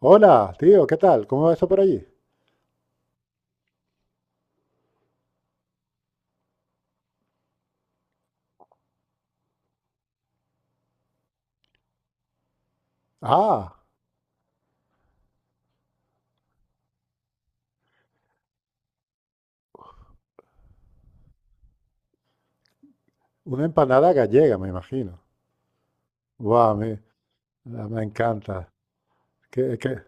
Hola, tío, ¿qué tal? ¿Cómo va eso por allí? Ah, una empanada gallega, me imagino. Guau, ah, me encanta. Que- que-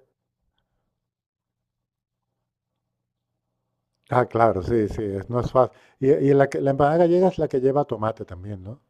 Ah, claro, sí, sí, no es fácil. Y, la empanada gallega es la que lleva tomate también, ¿no?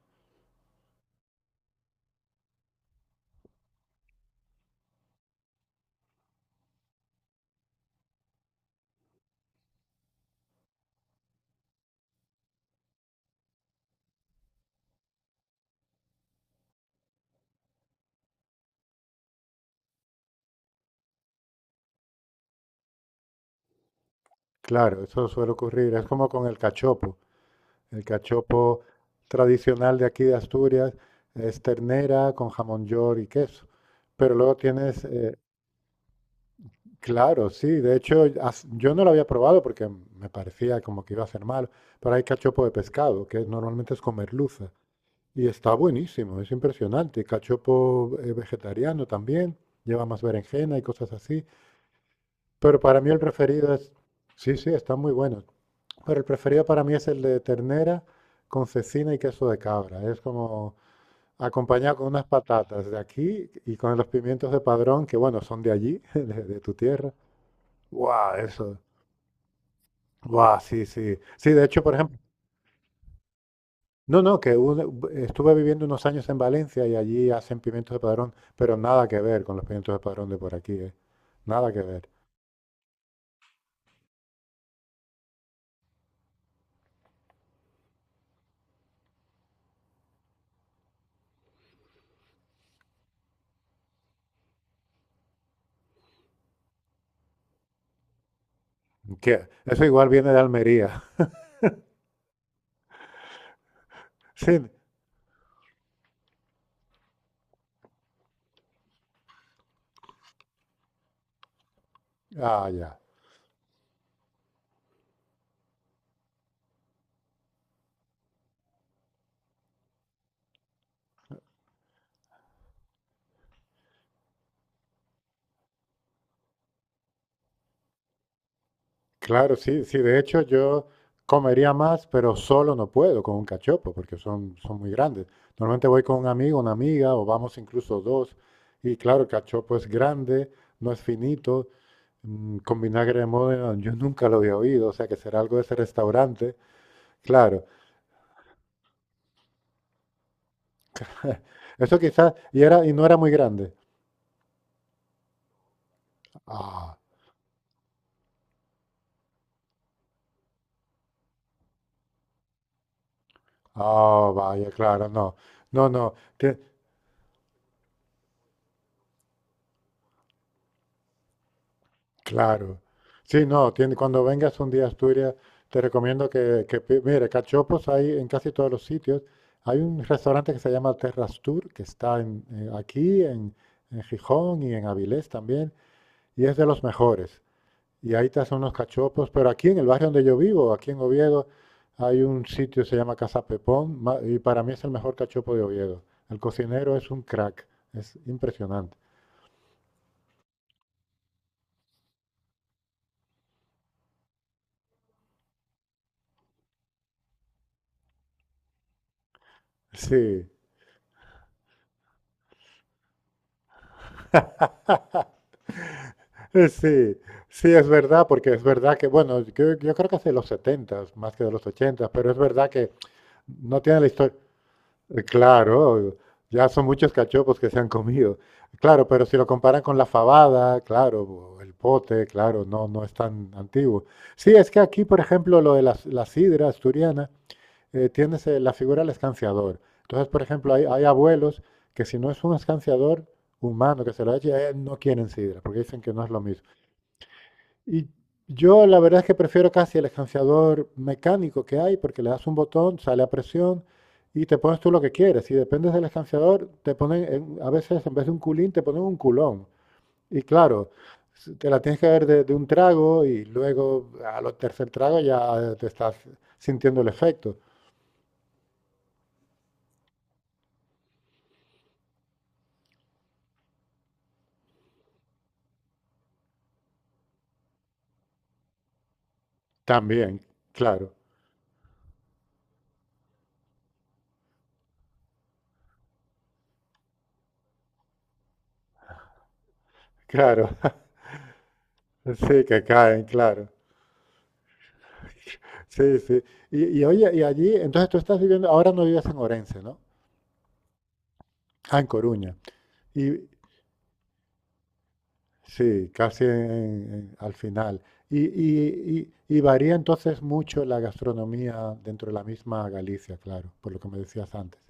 Claro, eso suele ocurrir. Es como con el cachopo. El cachopo tradicional de aquí de Asturias es ternera con jamón york y queso. Pero luego tienes. Claro, sí. De hecho, yo no lo había probado porque me parecía como que iba a ser malo, pero hay cachopo de pescado, que normalmente es con merluza, y está buenísimo, es impresionante. Cachopo vegetariano también, lleva más berenjena y cosas así, pero para mí el preferido es, sí, sí, está muy bueno, pero el preferido para mí es el de ternera con cecina y queso de cabra. Es como acompañado con unas patatas de aquí y con los pimientos de Padrón, que bueno, son de allí, de tu tierra. ¡Guau! Eso, buah, sí, sí. Sí, de hecho, por ejemplo, no, no, estuve viviendo unos años en Valencia y allí hacen pimientos de Padrón, pero nada que ver con los pimientos de Padrón de por aquí, ¿eh? Nada que ver. Que eso igual viene de Almería. Sí, ah, ya. Claro, sí, sí. De hecho, yo comería más, pero solo no puedo con un cachopo, porque son muy grandes. Normalmente voy con un amigo, una amiga, o vamos incluso dos. Y claro, el cachopo es grande, no es finito. Con vinagre de Módena, yo nunca lo había oído, o sea que será algo de ese restaurante. Claro. Eso quizás, y no era muy grande. Ah, ah, vaya, claro, no. No, no, claro. Sí, no, tiene, cuando vengas un día a Asturias, te recomiendo que mire, cachopos hay en casi todos los sitios. Hay un restaurante que se llama Terrastur, que está aquí, en Gijón y en Avilés también, y es de los mejores. Y ahí te hacen unos cachopos, pero aquí en el barrio donde yo vivo, aquí en Oviedo, hay un sitio que se llama Casa Pepón y para mí es el mejor cachopo de Oviedo. El cocinero es un crack, es impresionante. Sí, sí, sí, es verdad, porque es verdad que, bueno, yo creo que hace los 70 más que de los 80, pero es verdad que no tiene la historia. Claro, ya son muchos cachopos que se han comido. Claro, pero si lo comparan con la fabada, claro, o el pote, claro, no, no es tan antiguo. Sí, es que aquí, por ejemplo, lo de la sidra asturiana. Tienes la figura del escanciador. Entonces, por ejemplo, hay abuelos que si no es un escanciador humano que se lo eche, no quieren sidra, porque dicen que no es lo mismo. Y yo la verdad es que prefiero casi el escanciador mecánico que hay, porque le das un botón, sale a presión y te pones tú lo que quieres. Si dependes del escanciador, te ponen, a veces en vez de un culín, te ponen un culón. Y claro, te la tienes que ver de, un trago y luego a los tercer trago ya te estás sintiendo el efecto. También, claro, claro. Sí, que caen, claro. Sí, sí. Y oye, y allí, entonces tú estás viviendo, ahora no vives en Orense, ¿no? Ah, en Coruña. Y, Sí, casi al final. Y, y- y varía entonces mucho la gastronomía dentro de la misma Galicia, claro, por lo que me decías antes.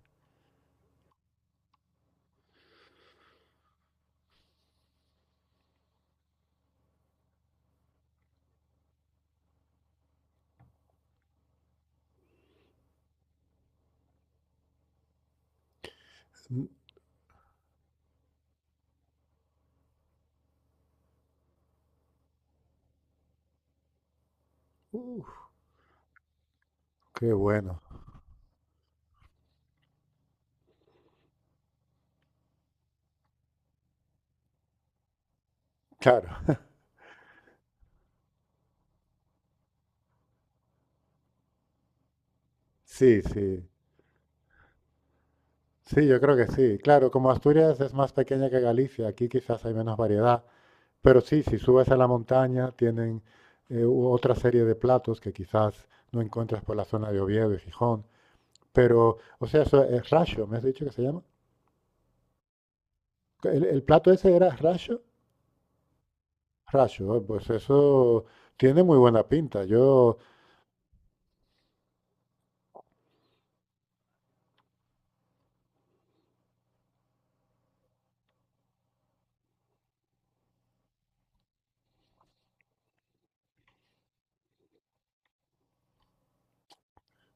Mm, uf, qué bueno. Claro, sí, sí. Sí, yo creo que sí. Claro, como Asturias es más pequeña que Galicia, aquí quizás hay menos variedad, pero sí, si subes a la montaña tienen otra serie de platos que quizás no encuentras por la zona de Oviedo y Gijón. Pero, o sea, eso es rasho, ¿me has dicho que se llama? El plato ese era racho, racho, ah, pues eso tiene muy buena pinta. Yo,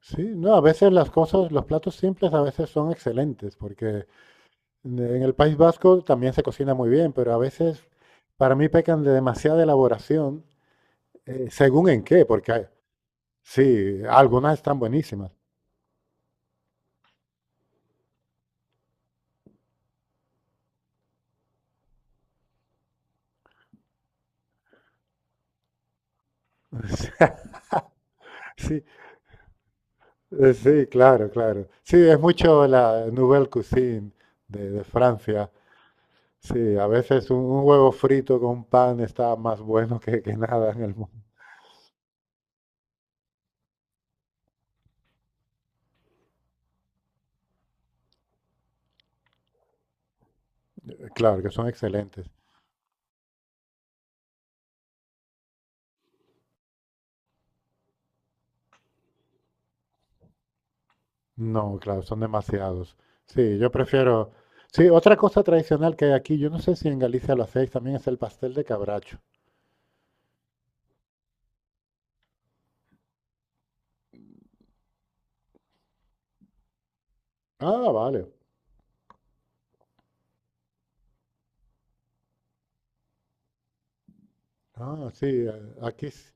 sí, no, a veces las cosas, los platos simples a veces son excelentes, porque en el País Vasco también se cocina muy bien, pero a veces para mí pecan de demasiada elaboración, según en qué, porque sí, algunas están buenísimas. O sea, sí, sí, claro, claro. Sí, es mucho la nouvelle cuisine de, Francia. Sí, a veces un huevo frito con pan está más bueno que nada en el mundo. Claro, que son excelentes. No, claro, son demasiados. Sí, yo prefiero... Sí, otra cosa tradicional que hay aquí, yo no sé si en Galicia lo hacéis también, es el pastel de cabracho. Ah, vale. Ah, sí,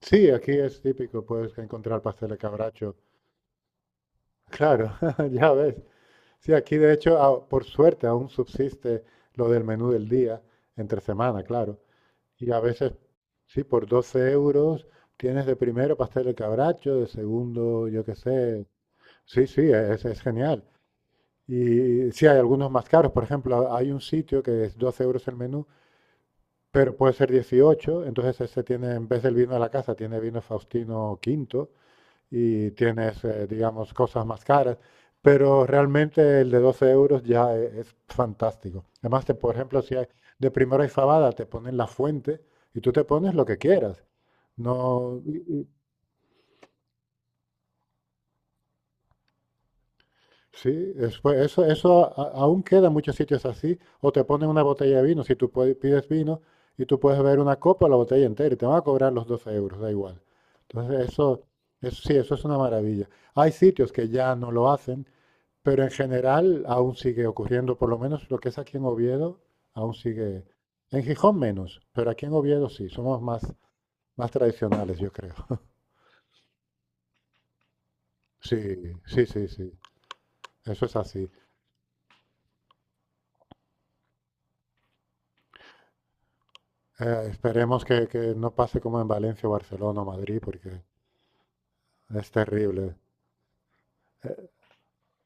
sí, aquí es típico, puedes encontrar pastel de cabracho. Claro, ya ves. Sí, aquí de hecho, ah, por suerte aún subsiste lo del menú del día, entre semana, claro. Y a veces, sí, por 12 euros tienes de primero pastel de cabracho, de segundo, yo qué sé. Sí, sí, es genial. Y sí, hay algunos más caros. Por ejemplo, hay un sitio que es 12 euros el menú, pero puede ser 18. Entonces ese tiene, en vez del vino de la casa, tiene vino Faustino V y tienes, digamos, cosas más caras. Pero realmente el de 12 euros ya es fantástico. Además, te, por ejemplo, si hay de primera y fabada, te ponen la fuente y tú te pones lo que quieras. No, sí, después, eso aún queda en muchos sitios así. O te ponen una botella de vino, si tú pides vino y tú puedes beber una copa o la botella entera y te van a cobrar los 12 euros, da igual. Entonces, eso sí, eso es una maravilla. Hay sitios que ya no lo hacen. Pero en general aún sigue ocurriendo, por lo menos lo que es aquí en Oviedo, aún sigue. En Gijón menos, pero aquí en Oviedo sí, somos más, más tradicionales, yo creo. Sí, sí, sí, sí, eso es así. Esperemos que no pase como en Valencia, o Barcelona o Madrid, porque es terrible.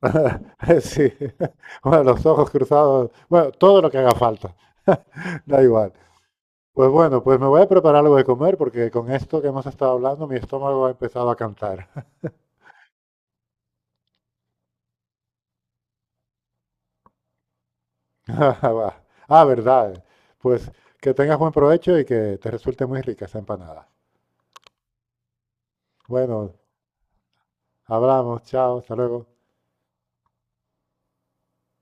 Sí, bueno, los ojos cruzados, bueno, todo lo que haga falta, da igual. Pues bueno, pues me voy a preparar algo de comer porque con esto que hemos estado hablando mi estómago ha empezado a cantar. Ah, verdad. Pues que tengas buen provecho y que te resulte muy rica esa empanada. Bueno, hablamos, chao, hasta luego.